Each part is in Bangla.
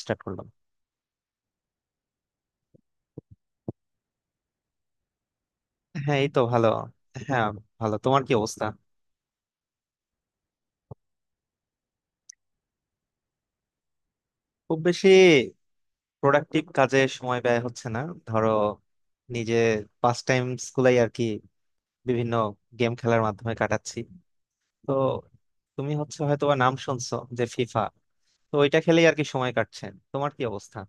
স্টার্ট করলাম। হ্যাঁ, এই তো ভালো। হ্যাঁ। ভালো, তোমার কি অবস্থা? খুব বেশি প্রোডাক্টিভ কাজে সময় ব্যয় হচ্ছে না। ধরো নিজে পাস টাইম স্কুলেই আর কি। বিভিন্ন গেম খেলার মাধ্যমে কাটাচ্ছি। তো তুমি হচ্ছে হয়তো বা নাম শুনছো যে ফিফা। তো ওইটা খেলেই আর কি সময় কাটছে। তোমার কি অবস্থা?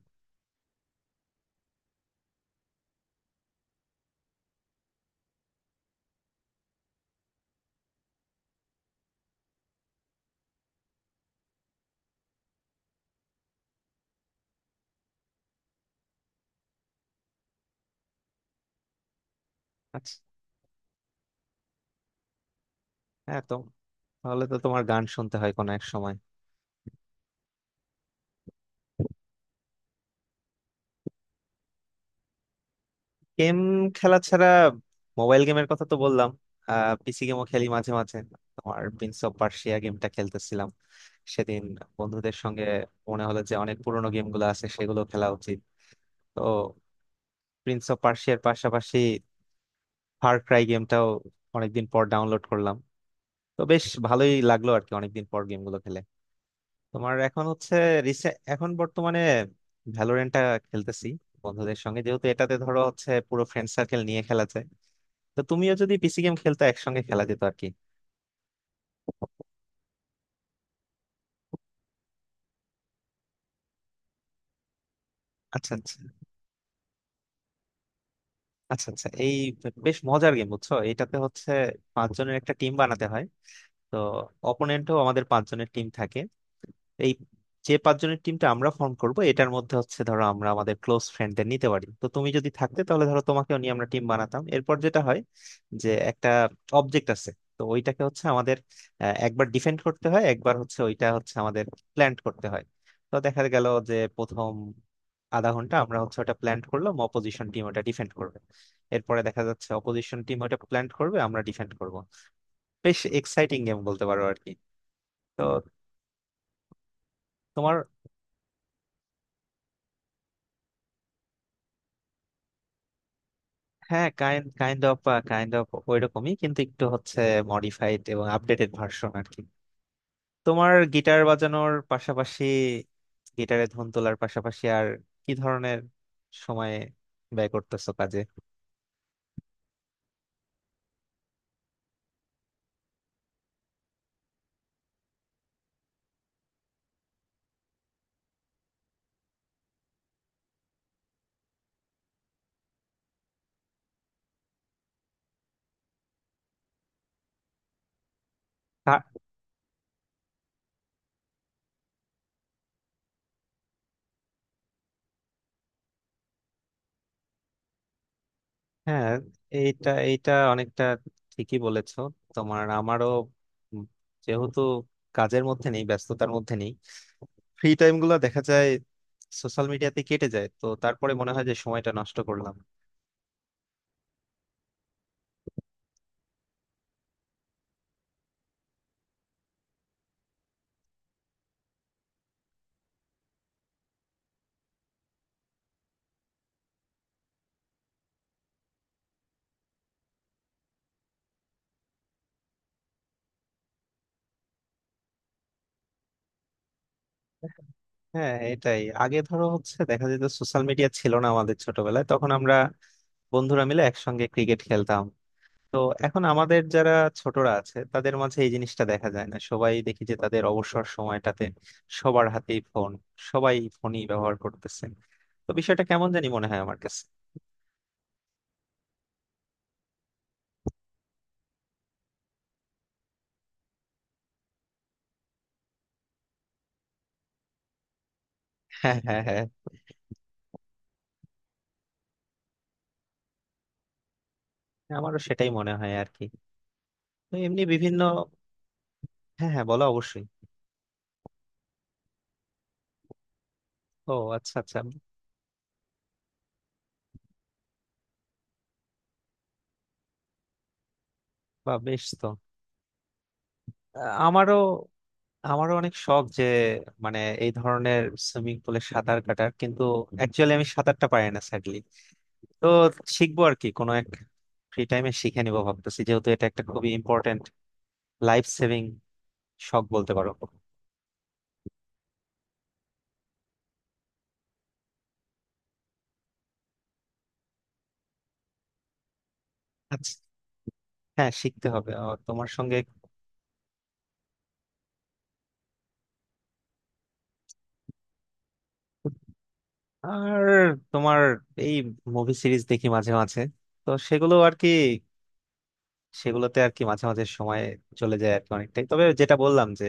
আচ্ছা। হ্যাঁ, তো তাহলে তো তোমার গান শুনতে হয় কোনো এক সময়। গেম খেলা ছাড়া। মোবাইল গেমের কথা তো বললাম। পিসি গেমও খেলি মাঝে মাঝে। তোমার প্রিন্স অফ পার্সিয়া গেমটা খেলতেছিলাম সেদিন বন্ধুদের সঙ্গে। মনে হলো যে অনেক পুরোনো গেমগুলো আছে সেগুলো খেলা উচিত। তো প্রিন্স অফ পার্সিয়ার পাশাপাশি ফার ক্রাই গেমটাও অনেকদিন পর ডাউনলোড করলাম। তো বেশ ভালোই লাগলো আর কি, অনেকদিন পর গেমগুলো খেলে। তোমার এখন হচ্ছে এখন বর্তমানে ভ্যালোরেন্টটা খেলতেছি বন্ধুদের সঙ্গে, যেহেতু এটাতে ধরো হচ্ছে পুরো ফ্রেন্ড সার্কেল নিয়ে খেলা যায়। তো তুমিও যদি পিসি গেম খেলতে, একসঙ্গে খেলা যেত আর কি। আচ্ছা, আচ্ছা, আচ্ছা, আচ্ছা। এই, বেশ মজার গেম বুঝছো। এটাতে হচ্ছে পাঁচজনের একটা টিম বানাতে হয়। তো অপোনেন্টও আমাদের পাঁচজনের টিম থাকে। এই যে পাঁচজনের টিমটা আমরা ফর্ম করব, এটার মধ্যে হচ্ছে ধরো আমরা আমাদের ক্লোজ ফ্রেন্ডদের নিতে পারি। তো তুমি যদি থাকতে তাহলে ধরো তোমাকেও নিয়ে আমরা টিম বানাতাম। এরপর যেটা হয় যে একটা অবজেক্ট আছে। তো ওইটাকে হচ্ছে আমাদের একবার ডিফেন্ড করতে হয়, একবার হচ্ছে ওইটা হচ্ছে আমাদের প্ল্যান্ট করতে হয়। তো দেখা গেল যে প্রথম আধা ঘন্টা আমরা হচ্ছে ওটা প্ল্যান্ট করলাম, অপোজিশন টিম ওটা ডিফেন্ড করবে। এরপরে দেখা যাচ্ছে অপোজিশন টিম ওটা প্ল্যান্ট করবে, আমরা ডিফেন্ড করব। বেশ এক্সাইটিং গেম বলতে পারো আর কি। তো তোমার। হ্যাঁ, kind kind of. Kind of ওইরকমই, কিন্তু একটু হচ্ছে মডিফাইড এবং আপডেটেড ভার্সন আর কি। তোমার গিটার বাজানোর পাশাপাশি, গিটারে ধুন তোলার পাশাপাশি, আর কি ধরনের সময়ে ব্যয় করতেছো কাজে? আ- হ্যাঁ, এইটা এইটা অনেকটা ঠিকই বলেছো। তোমার আমারও উম যেহেতু কাজের মধ্যে নেই, ব্যস্ততার মধ্যে নেই, ফ্রি টাইম গুলো দেখা যায় সোশ্যাল মিডিয়াতে কেটে যায়, তো তারপরে মনে হয় যে সময়টা নষ্ট করলাম। হ্যাঁ, এটাই আগে ধরো হচ্ছে দেখা যেত, সোশ্যাল মিডিয়া ছিল না আমাদের ছোটবেলায়, তখন আমরা বন্ধুরা মিলে একসঙ্গে ক্রিকেট খেলতাম। তো এখন আমাদের যারা ছোটরা আছে তাদের মাঝে এই জিনিসটা দেখা যায় না। সবাই দেখি যে তাদের অবসর সময়টাতে সবার হাতেই ফোন, সবাই ফোনই ব্যবহার করতেছে। তো বিষয়টা কেমন জানি মনে হয় আমার কাছে। হ্যাঁ, হ্যাঁ, হ্যাঁ। আমারও সেটাই মনে হয় আর কি। তো এমনি বিভিন্ন। হ্যাঁ, হ্যাঁ, বলো অবশ্যই। ও, আচ্ছা আচ্ছা। বা বেশ তো। আমারও, অনেক শখ যে, মানে এই ধরনের সুইমিং পুলে সাঁতার কাটার, কিন্তু অ্যাকচুয়ালি আমি সাঁতারটা পারি না, স্যাডলি। তো শিখবো আর কি কোনো এক ফ্রি টাইমে, শিখে নিবো ভাবতেছি, যেহেতু এটা একটা খুবই ইম্পর্টেন্ট লাইফ সেভিং শখ বলতে পারো। আচ্ছা, হ্যাঁ শিখতে হবে আর তোমার সঙ্গে। আর তোমার এই, মুভি সিরিজ দেখি মাঝে মাঝে। তো সেগুলো আর কি, সেগুলোতে আর কি মাঝে মাঝে সময় চলে যায় আর কি অনেকটাই। তবে যেটা বললাম, যে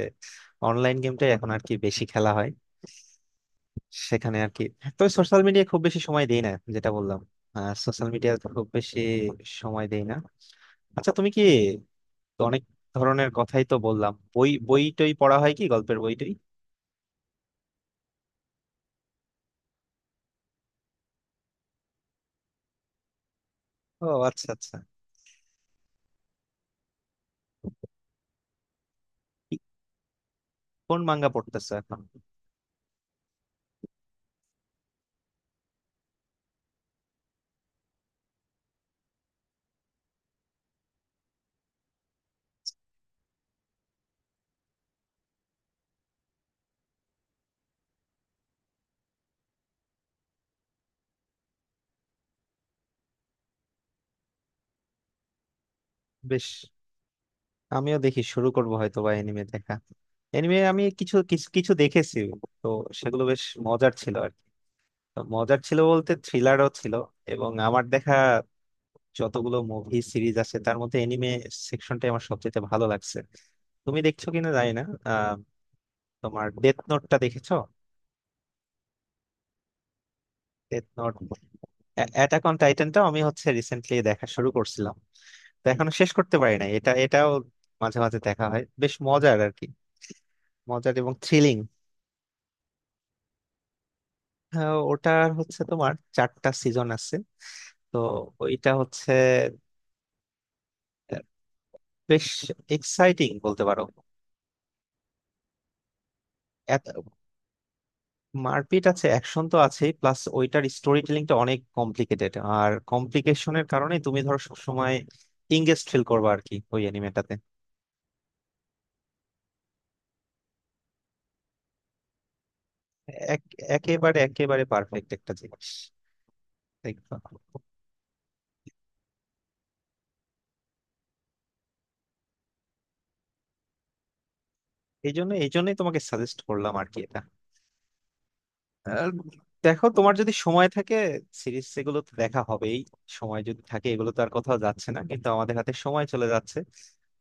অনলাইন গেমটাই এখন আর কি বেশি খেলা হয়, সেখানে আর কি। তবে সোশ্যাল মিডিয়া খুব বেশি সময় দেই না, যেটা বললাম, সোশ্যাল মিডিয়া খুব বেশি সময় দেই না। আচ্ছা, তুমি কি, তো অনেক ধরনের কথাই তো বললাম, বই বই টই পড়া হয় কি, গল্পের বই টই? ও আচ্ছা আচ্ছা। কি- কোন মাঙ্গা পড়তেছো এখন? বেশ। আমিও দেখি শুরু করবো হয়তো বা এনিমে দেখা। এনিমে আমি কিছু কিছু কিছু দেখেছি। তো সেগুলো বেশ মজার ছিল আর কি। তো মজার ছিল বলতে, থ্রিলারও ছিল। এবং আমার দেখা যতগুলো মুভি সিরিজ আছে তার মধ্যে এনিমে সেকশনটাই আমার সবচেয়ে ভালো লাগছে। তুমি দেখছো কিনা জানি না। আহ তোমার ডেথ নোটটা দেখেছো? Death note. অ্যাটাক অন টাইটানটাও আমি হচ্ছে রিসেন্টলি দেখা শুরু করছিলাম। তো এখনো শেষ করতে পারি নাই এটা, এটাও মাঝে মাঝে দেখা হয়, বেশ মজার আর কি। মজার এবং থ্রিলিং। ওটার হচ্ছে তোমার চারটা সিজন আছে। তো ওইটা হচ্ছে আহ, বেশ এক্সাইটিং বলতে পারো। এত মারপিট আছে, অ্যাকশন তো আছেই, প্লাস ওইটার স্টোরি টেলিংটা অনেক কমপ্লিকেটেড। আর কমপ্লিকেশনের কারণে তুমি ধরো সবসময় ইংগেজ ফিল করবে আর কি ওই অ্যানিমেটাতে। একেবারে একেবারে পারফেক্ট একটা জিনিস। দেখবা এই জন্য, এই জন্যই তোমাকে সাজেস্ট করলাম আর কি এটা। আর দেখো, তোমার যদি সময় থাকে সিরিজ এগুলো তো দেখা হবেই। সময় যদি থাকে, এগুলো তো আর কোথাও যাচ্ছে না, কিন্তু আমাদের হাতে সময় চলে যাচ্ছে।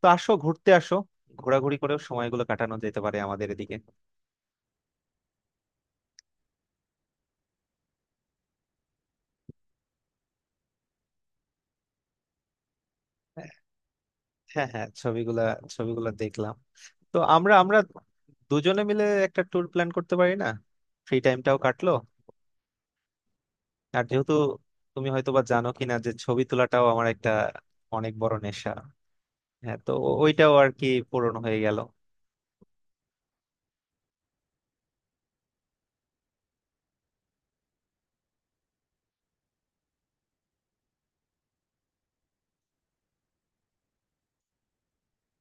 তো আসো, ঘুরতে আসো। ঘোরাঘুরি করেও সময়গুলো কাটানো যেতে পারে আমাদের এদিকে। হ্যাঁ, হ্যাঁ, ছবিগুলা ছবিগুলা দেখলাম। তো আমরা আমরা দুজনে মিলে একটা ট্যুর প্ল্যান করতে পারি না? ফ্রি টাইমটাও কাটলো। আর যেহেতু তুমি হয়তো বা জানো কিনা যে ছবি তোলাটাও আমার একটা অনেক বড় নেশা। হ্যাঁ, তো ওইটাও আর কি পূরণ হয়ে গেল।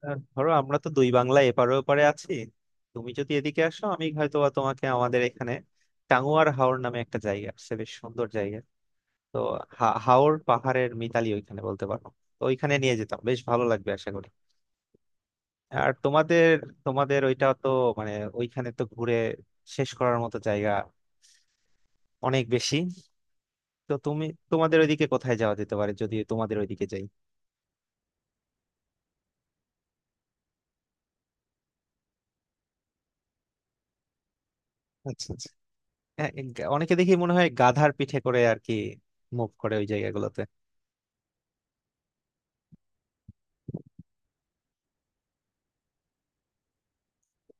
আর ধরো, আমরা তো দুই বাংলা এপারে ওপারে আছি। তুমি যদি এদিকে আসো, আমি হয়তো বা তোমাকে আমাদের এখানে, টাঙ্গুয়ার হাওর নামে একটা জায়গা আছে, বেশ সুন্দর জায়গা। তো হাওর পাহাড়ের মিতালি ওইখানে বলতে পারো। তো ওইখানে নিয়ে যেতাম, বেশ ভালো লাগবে আশা করি। আর তোমাদের, ওইটা তো মানে ওইখানে তো ঘুরে শেষ করার মতো জায়গা অনেক বেশি। তো তুমি, তোমাদের ওইদিকে কোথায় যাওয়া যেতে পারে যদি তোমাদের ওইদিকে যাই? আচ্ছা আচ্ছা। হ্যাঁ, এই অনেকে দেখি মনে হয় গাধার পিঠে করে আর কি মুভ করে ওই জায়গাগুলোতে।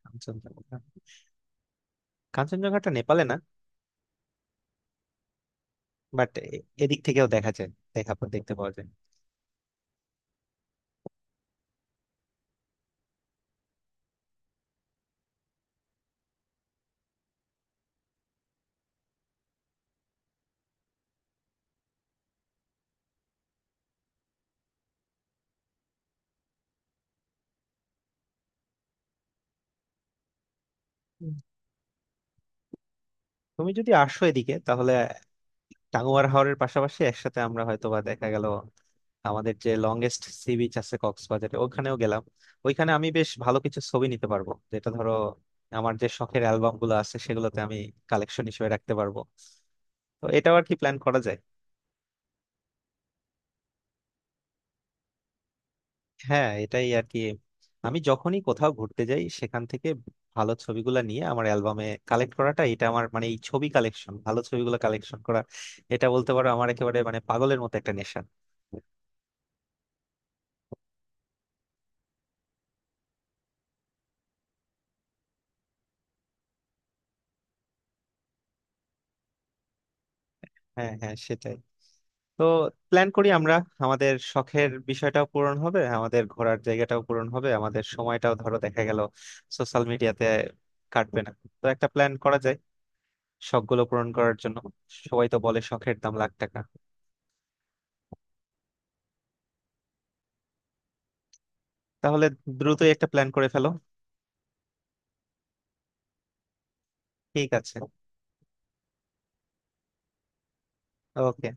কাঞ্চনজঙ্ঘা। কাঞ্চনজঙ্ঘাটা নেপালে না? বাট এদিক থেকেও দেখা যায়, দেখতে পাওয়া যায়। হুম। তুমি যদি আসো এদিকে তাহলে টাঙ্গুয়ার হাওরের পাশাপাশি একসাথে আমরা হয়তোবা দেখা গেল, আমাদের যে লংগেস্ট সি বিচ আছে কক্সবাজারে ওখানেও গেলাম। ওইখানে আমি বেশ ভালো কিছু ছবি নিতে পারবো, যেটা ধরো আমার যে শখের অ্যালবাম গুলো আছে সেগুলোতে আমি কালেকশন হিসেবে রাখতে পারবো। তো এটাও আর কি প্ল্যান করা যায়। হ্যাঁ এটাই আর কি। আমি যখনই কোথাও ঘুরতে যাই সেখান থেকে ভালো ছবিগুলো নিয়ে আমার অ্যালবামে কালেক্ট করাটা, এটা আমার মানে এই ছবি কালেকশন, ভালো ছবিগুলো কালেকশন করা, এটা বলতে পারো আমার একেবারে মানে পাগলের মতো একটা নেশা। হ্যাঁ, হ্যাঁ সেটাই। তো প্ল্যান করি আমরা। আমাদের শখের বিষয়টাও পূরণ হবে, আমাদের ঘোরার জায়গাটাও পূরণ হবে, আমাদের সময়টাও ধরো দেখা গেল সোশ্যাল মিডিয়াতে কাটবে না। তো একটা প্ল্যান করা যায় শখগুলো পূরণ করার জন্য। সবাই তো বলে শখের দাম লাখ টাকা। তাহলে দ্রুতই একটা প্ল্যান করে ফেলো। ঠিক আছে। ওকে।